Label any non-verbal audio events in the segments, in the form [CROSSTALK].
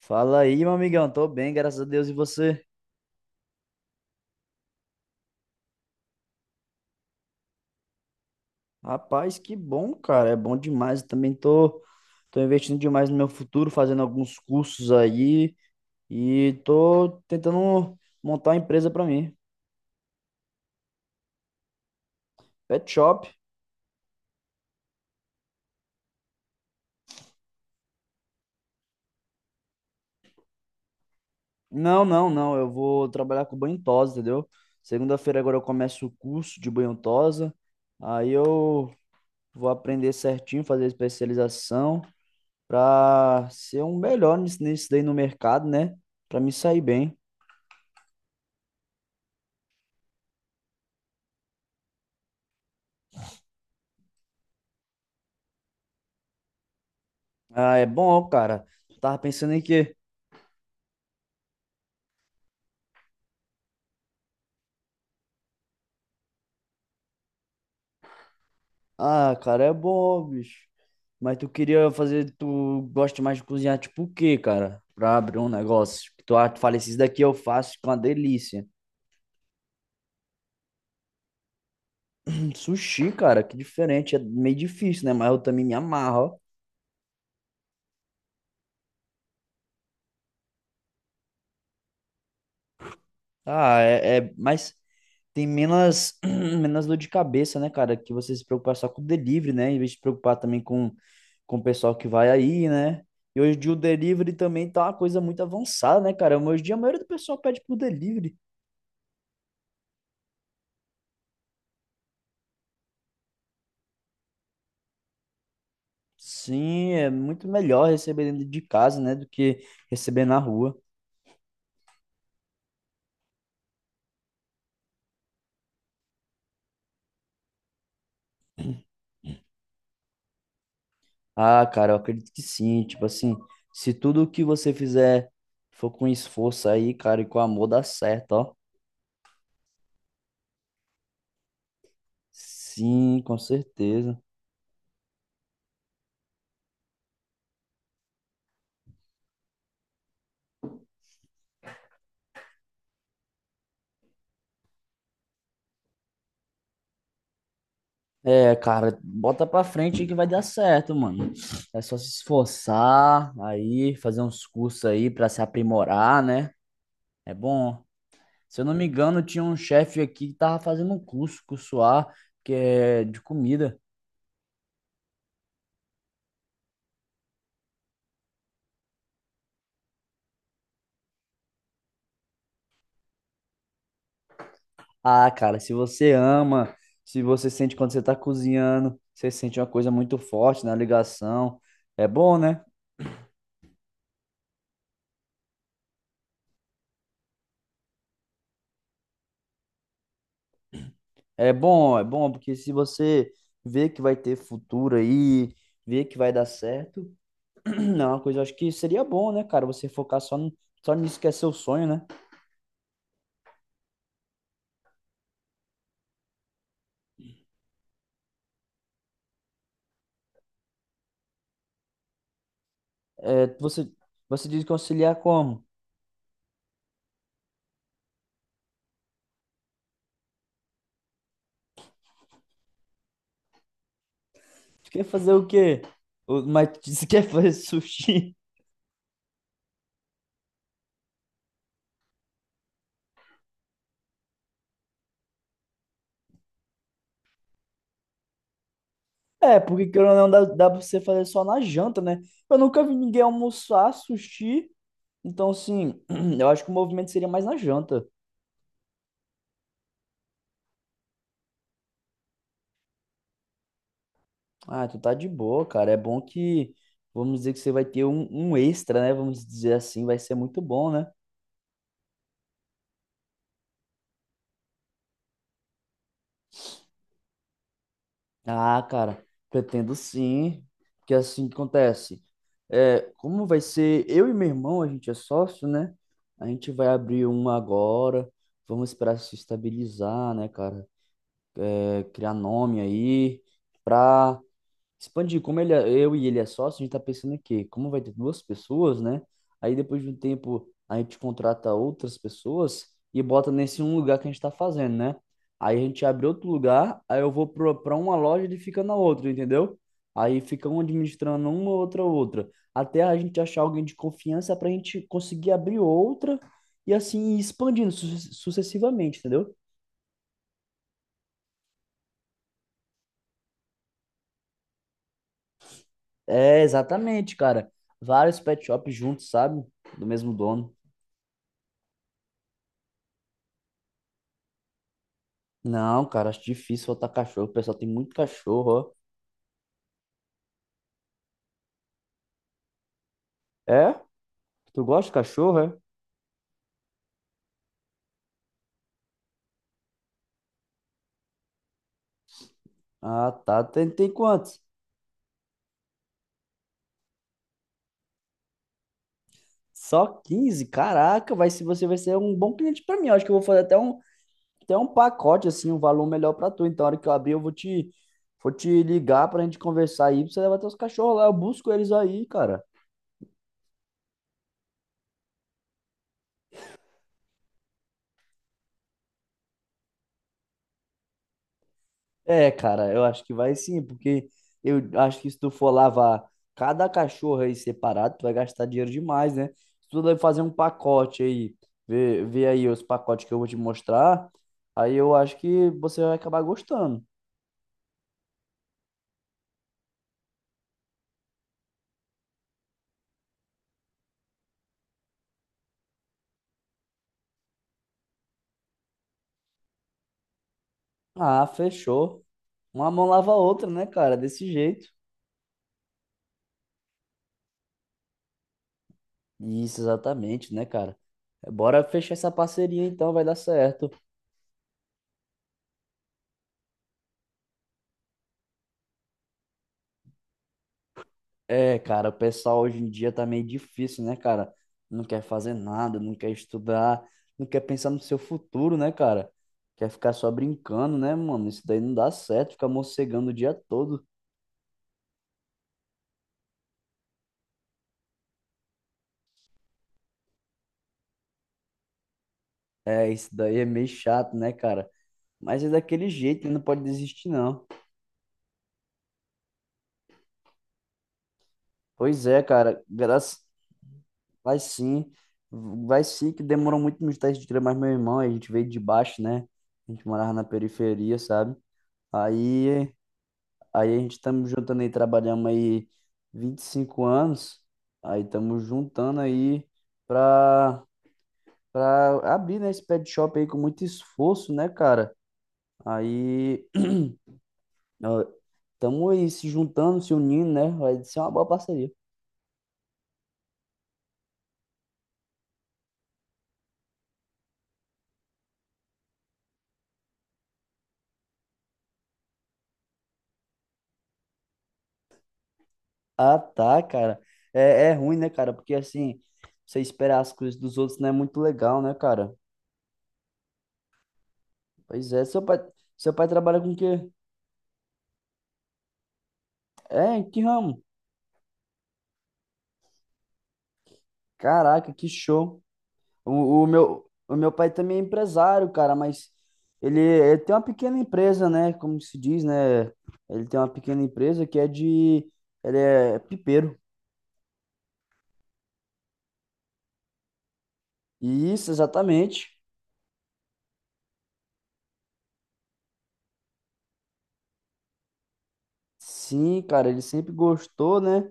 Fala aí, meu amigão. Tô bem, graças a Deus. E você? Rapaz, que bom, cara. É bom demais. Eu também tô investindo demais no meu futuro, fazendo alguns cursos aí e tô tentando montar uma empresa pra mim. Pet shop. Não. Eu vou trabalhar com banho e tosa, entendeu? Segunda-feira agora eu começo o curso de banho e tosa. Aí eu vou aprender certinho, fazer especialização pra ser um melhor nisso, nisso daí no mercado, né? Pra me sair bem. Ah, é bom, cara. Tava pensando em quê? Ah, cara, é bom, bicho. Mas tu queria fazer, tu gosta mais de cozinhar tipo o quê, cara? Pra abrir um negócio. Que tu, ah, tu fala, esses daqui eu faço com uma delícia. Sushi, cara, que diferente. É meio difícil, né? Mas eu também me amarro, ó. Ah, é. Mas tem menos, [CLEARS THROAT] menos dor de cabeça, né, cara? Que você se preocupar só com o delivery, né? Em vez de se preocupar também com o pessoal que vai aí, né? E hoje em dia o delivery também tá uma coisa muito avançada, né, cara? Hoje em dia a maioria do pessoal pede por delivery. Sim, é muito melhor receber dentro de casa, né, do que receber na rua. Ah, cara, eu acredito que sim. Tipo assim, se tudo que você fizer for com esforço aí, cara, e com amor, dá certo, ó. Sim, com certeza. É, cara, bota pra frente que vai dar certo, mano. É só se esforçar aí, fazer uns cursos aí pra se aprimorar, né? É bom. Se eu não me engano, tinha um chefe aqui que tava fazendo um curso, cursoar, que é de comida. Ah, cara, se você ama, se você sente quando você tá cozinhando, você sente uma coisa muito forte na ligação. É bom, né? É bom, porque se você vê que vai ter futuro aí, vê que vai dar certo. Não, é uma coisa, eu acho que seria bom, né, cara, você focar só, no, só nisso que é seu sonho, né? É, você, você diz que auxiliar como? Tu quer fazer o quê? O, mas [LAUGHS] tu disse que quer fazer sushi? [LAUGHS] É, porque querendo ou não, dá pra você fazer só na janta, né? Eu nunca vi ninguém almoçar sushi, então, assim, [CLEARS THROAT] eu acho que o movimento seria mais na janta. Ah, tu tá de boa, cara, é bom que, vamos dizer que você vai ter um, um extra, né? Vamos dizer assim, vai ser muito bom, né? Ah, cara, pretendo sim, porque é assim que acontece. É, como vai ser eu e meu irmão, a gente é sócio, né? A gente vai abrir uma agora, vamos esperar se estabilizar, né, cara? É, criar nome aí, expandir, como ele, eu e ele é sócio, a gente tá pensando aqui, como vai ter duas pessoas, né? Aí depois de um tempo a gente contrata outras pessoas e bota nesse um lugar que a gente tá fazendo, né? Aí a gente abre outro lugar, aí eu vou pra uma loja e ele fica na outra, entendeu? Aí fica um administrando uma, outra, outra. Até a gente achar alguém de confiança pra gente conseguir abrir outra e assim ir expandindo sucessivamente, entendeu? É, exatamente, cara. Vários pet shops juntos, sabe? Do mesmo dono. Não, cara, acho difícil soltar cachorro. O pessoal tem muito cachorro, ó. É? Tu gosta de cachorro, é? Ah, tá. Tem, tem quantos? Só 15. Caraca, vai, se você vai ser um bom cliente pra mim. Eu acho que eu vou fazer até um pacote, assim, um valor melhor pra tu. Então, na hora que eu abrir, eu vou te ligar pra gente conversar aí, pra você levar teus cachorros lá. Eu busco eles aí, cara. É, cara, eu acho que vai sim, porque eu acho que se tu for lavar cada cachorro aí separado, tu vai gastar dinheiro demais, né? Se tu vai fazer um pacote aí, ver aí os pacotes que eu vou te mostrar, aí eu acho que você vai acabar gostando. Ah, fechou. Uma mão lava a outra, né, cara? Desse jeito. Isso, exatamente, né, cara? Bora fechar essa parceria então, vai dar certo. É, cara, o pessoal hoje em dia tá meio difícil, né, cara? Não quer fazer nada, não quer estudar, não quer pensar no seu futuro, né, cara? Quer ficar só brincando, né, mano? Isso daí não dá certo, ficar morcegando o dia todo. É, isso daí é meio chato, né, cara? Mas é daquele jeito, né? Não pode desistir, não. Pois é, cara, graças. Vai sim, vai sim, que demorou muito nos testes de crer, mas meu irmão, a gente veio de baixo, né? A gente morava na periferia, sabe? Aí. Aí a gente estamos juntando aí, trabalhamos aí 25 anos. Aí estamos juntando aí pra, pra abrir, né, esse pet shop aí com muito esforço, né, cara? Aí estamos aí se juntando, se unindo, né? Vai ser uma boa parceria. Ah, tá, cara. É, é ruim, né, cara? Porque assim, você esperar as coisas dos outros não é muito legal, né, cara? Pois é, seu pai trabalha com o quê? É, em que ramo? Caraca, que show. O meu pai também é empresário, cara, mas ele tem uma pequena empresa, né? Como se diz, né? Ele tem uma pequena empresa que é de. Ele é pipeiro. Isso, exatamente. Sim, cara, ele sempre gostou, né?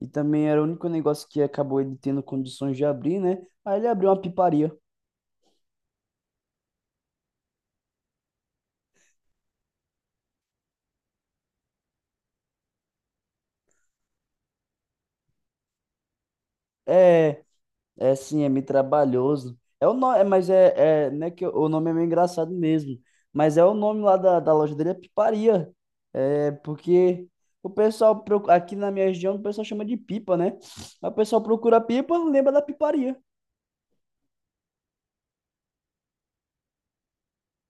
E também era o único negócio que acabou ele tendo condições de abrir, né? Aí ele abriu uma piparia. É, é sim, é meio trabalhoso. É o nome, mas é, é, né, que o nome é meio engraçado mesmo. Mas é o nome lá da loja dele é Piparia. É porque o pessoal procu- aqui na minha região o pessoal chama de pipa, né? Aí o pessoal procura pipa, lembra da Piparia.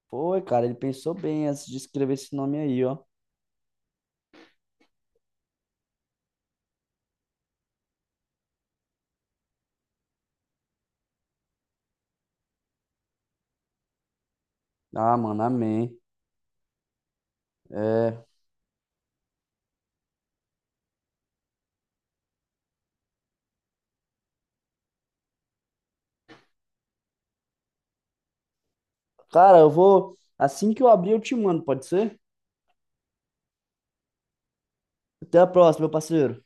Foi, cara, ele pensou bem antes de escrever esse nome aí, ó. Ah, mano, amém. É. Cara, eu vou assim que eu abrir eu te mando, pode ser? Até a próxima, meu parceiro.